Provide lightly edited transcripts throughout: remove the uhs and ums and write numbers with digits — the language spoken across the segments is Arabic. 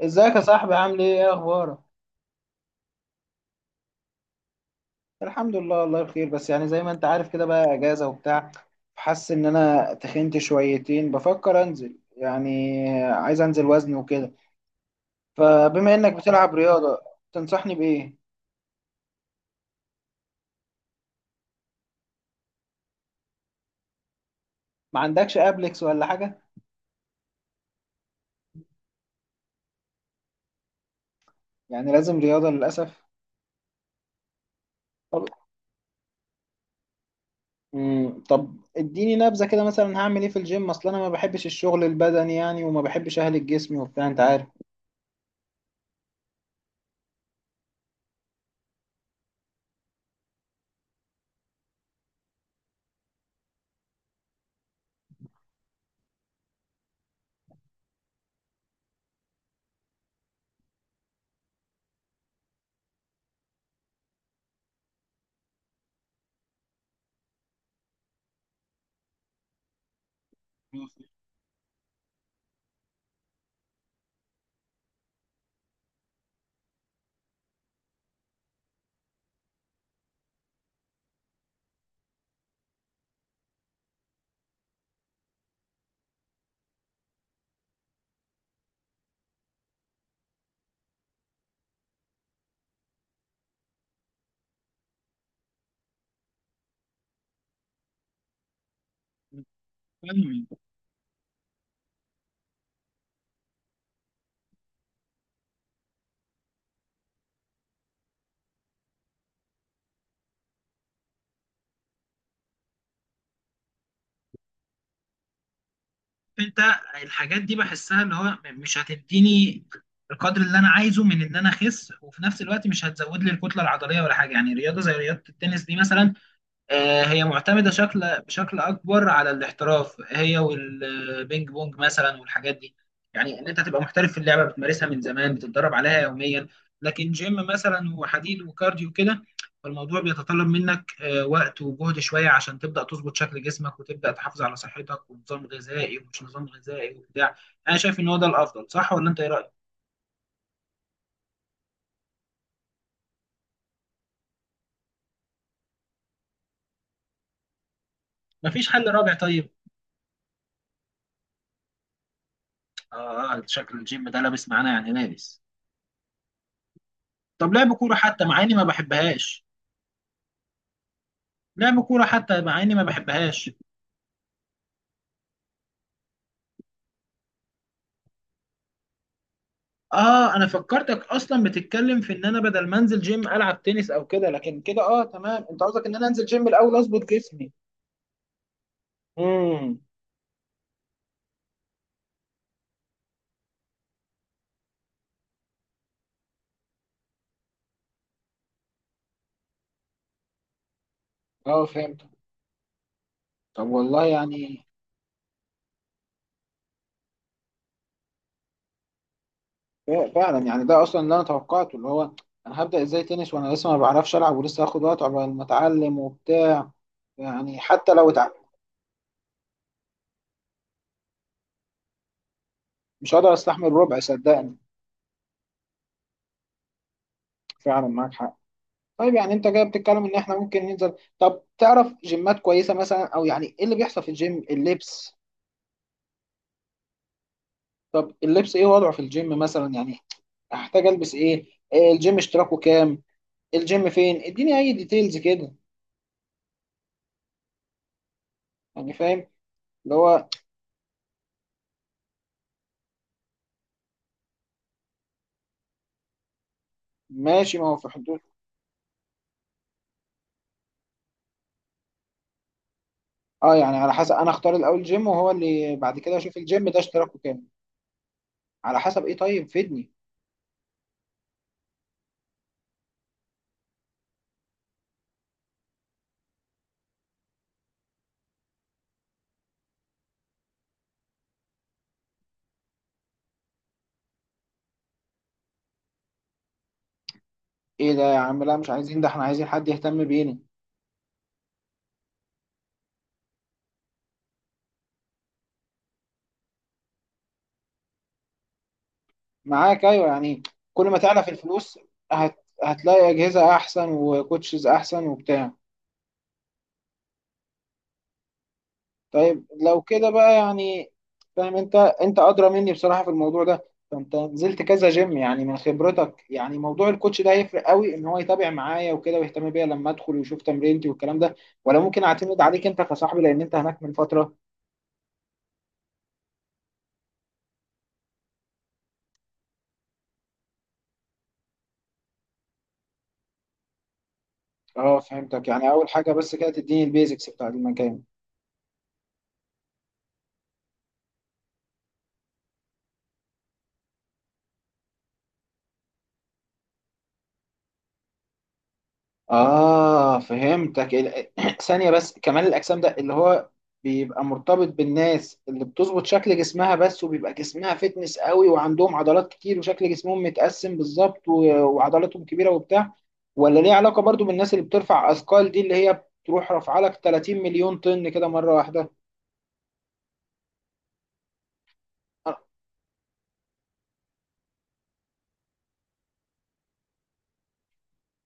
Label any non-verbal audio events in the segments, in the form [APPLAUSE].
ازيك يا صاحبي؟ عامل ايه؟ اخبارك؟ الحمد لله، والله بخير، بس يعني زي ما انت عارف كده، بقى اجازه وبتاع. حاسس ان انا تخنت شويتين، بفكر انزل، يعني عايز انزل وزن وكده. فبما انك بتلعب رياضه، تنصحني بايه؟ ما عندكش ابلكس ولا حاجه؟ يعني لازم رياضه للاسف؟ طب طب اديني نبذه كده، مثلا هعمل ايه في الجيم؟ اصل انا ما بحبش الشغل البدني يعني، وما بحبش اهلك جسمي وبتاع، انت عارف. انت الحاجات دي بحسها اللي هو مش هتديني القدر اللي انا عايزه من ان انا اخس، وفي نفس الوقت مش هتزود لي الكتله العضليه ولا حاجه. يعني رياضه زي رياضه التنس دي مثلا، هي معتمدة بشكل أكبر على الاحتراف، هي والبينج بونج مثلا والحاجات دي. يعني إن أنت تبقى محترف في اللعبة، بتمارسها من زمان، بتتدرب عليها يوميا. لكن جيم مثلا وحديد وكارديو كده، فالموضوع بيتطلب منك وقت وجهد شوية عشان تبدأ تظبط شكل جسمك، وتبدأ تحافظ على صحتك ونظام غذائي، ومش نظام غذائي وبتاع. أنا شايف إن هو ده الأفضل، صح ولا أنت إيه رأيك؟ مفيش حل رابع طيب؟ شكل الجيم ده لابس معانا، يعني لابس. طب لعب كورة حتى مع إني ما بحبهاش. لعب كورة حتى مع اني ما بحبهاش اه، انا فكرتك اصلا بتتكلم في ان انا بدل ما انزل جيم العب تنس او كده، لكن كده اه تمام. انت قصدك ان انا انزل جيم الاول اظبط جسمي. امم اه، فهمت. طب والله يعني. فعلا يعني ده اصلا اللي انا توقعته، اللي هو انا هبدأ ازاي تنس وانا لسه ما بعرفش العب، ولسه هاخد وقت عقبال ما اتعلم وبتاع. يعني حتى لو اتعلم مش هقدر استحمل ربع، صدقني. فعلا معاك حق. طيب يعني انت جاي بتتكلم ان احنا ممكن ننزل، طب تعرف جيمات كويسه مثلا؟ او يعني ايه اللي بيحصل في الجيم، اللبس؟ طب اللبس ايه وضعه في الجيم مثلا يعني؟ احتاج البس ايه؟ إيه الجيم اشتراكه كام؟ الجيم فين؟ اديني اي ديتيلز كده، يعني فاهم، اللي هو. ماشي، ما هو في حدود. اه، يعني على حسب انا اختار الاول جيم، وهو اللي بعد كده اشوف الجيم ده اشتراكه كام؟ على حسب ايه؟ طيب فيدني. ايه ده يا عم؟ لا مش عايزين ده، احنا عايزين حد يهتم بينا. معاك، ايوه يعني. كل ما تعلى في الفلوس، هتلاقي اجهزه احسن وكوتشز احسن وبتاع. طيب لو كده بقى يعني، فاهم انت، انت ادرى مني بصراحه في الموضوع ده. فانت نزلت كذا جيم، يعني من خبرتك، يعني موضوع الكوتش ده هيفرق قوي ان هو يتابع معايا وكده ويهتم بيا لما ادخل ويشوف تمرينتي والكلام ده؟ ولا ممكن اعتمد عليك انت كصاحبي لان انت هناك من فتره؟ اه، فهمتك. يعني اول حاجه بس كده تديني البيزكس بتاع المكان. آه، فهمتك. [CLEARS THROAT] ثانية بس. كمال الأجسام ده اللي هو بيبقى مرتبط بالناس اللي بتظبط شكل جسمها بس، وبيبقى جسمها فتنس قوي، وعندهم عضلات كتير، وشكل جسمهم متقسم بالظبط، و- وعضلاتهم كبيرة وبتاع. ولا ليه علاقة برضو بالناس اللي بترفع أثقال دي، اللي هي بتروح رافعة لك 30 مليون طن كده مرة واحدة؟ آه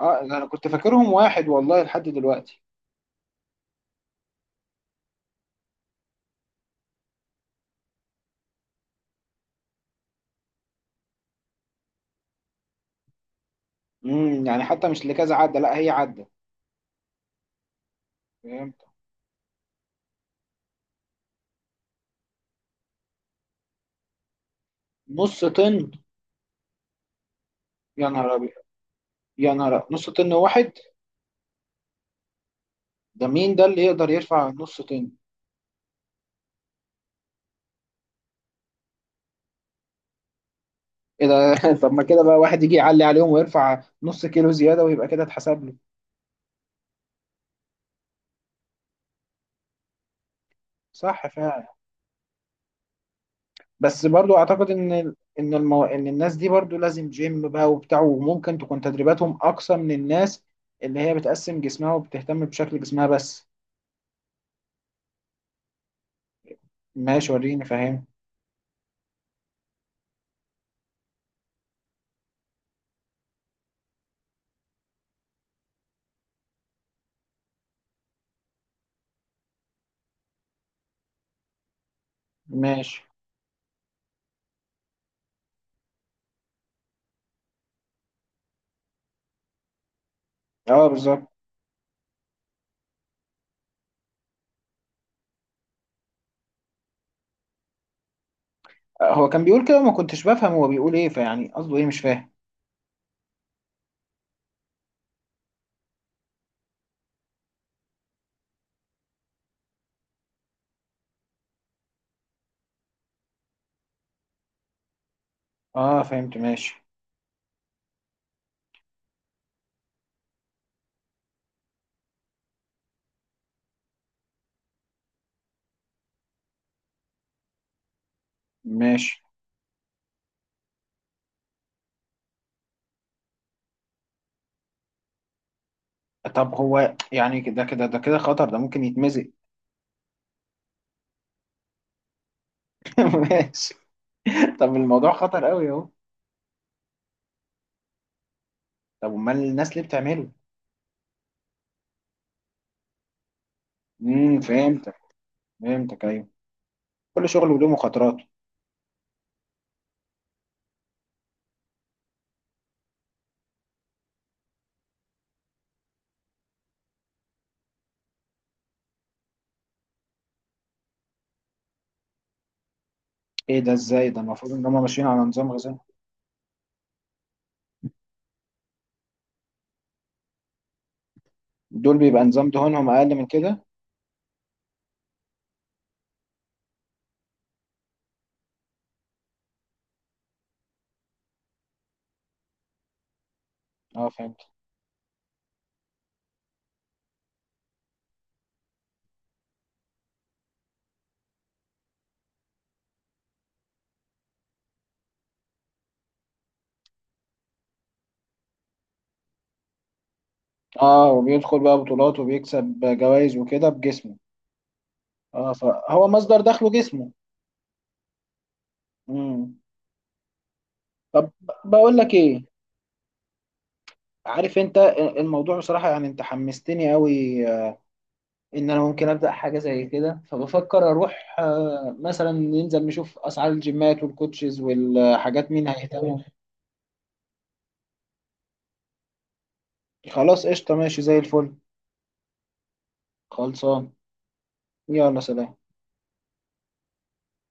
ده أنا كنت فاكرهم واحد، والله لحد دلوقتي. يعني حتى مش لكذا عدة، لا هي عدة؟ فهمت. نص طن؟ يا نهار أبيض. يا نهار أبيض. نص طن واحد؟ ده مين ده اللي يقدر يرفع نص طن؟ ايه ده! [LAUGHS] طب ما كده بقى واحد يجي يعلي عليهم ويرفع نص كيلو زيادة ويبقى كده اتحسب له. صح فعلا. بس برضو اعتقد ان ال- ان المو... ان الناس دي برضو لازم جيم بقى وبتاع، وممكن تكون تدريباتهم اقصى من الناس اللي هي بتقسم جسمها وبتهتم بشكل جسمها بس. ماشي، وريني، فاهم. ماشي. اه، بالظبط. هو كان بيقول كده، ما كنتش بفهم هو بيقول ايه، فيعني قصده ايه مش فاهم. اه، فهمت. ماشي. طب هو يعني كده كده، ده كده خطر، ده ممكن يتمزق. [LAUGHS] ماشي. طب الموضوع خطر قوي اهو. طب امال الناس ليه بتعمله؟ امم فهمتك فهمتك ايوه. كل شغل وله مخاطراته. ايه ده؟ ازاي ده؟ المفروض ان هم ماشيين على نظام غذائي. دول بيبقى نظام دهونهم اقل من كده؟ اه، فهمت. اه، وبيدخل بقى بطولات وبيكسب جوائز وكده بجسمه. اه، فهو مصدر دخله جسمه. امم طب، بقول لك ايه. عارف انت، الموضوع بصراحة يعني انت حمستني قوي، ان انا ممكن ابدا حاجه زي كده. فبفكر اروح مثلا، ننزل نشوف اسعار الجيمات والكوتشز والحاجات، مين هيهتم. خلاص قشطه، ماشي زي الفل. خلصان. يلا، سلام.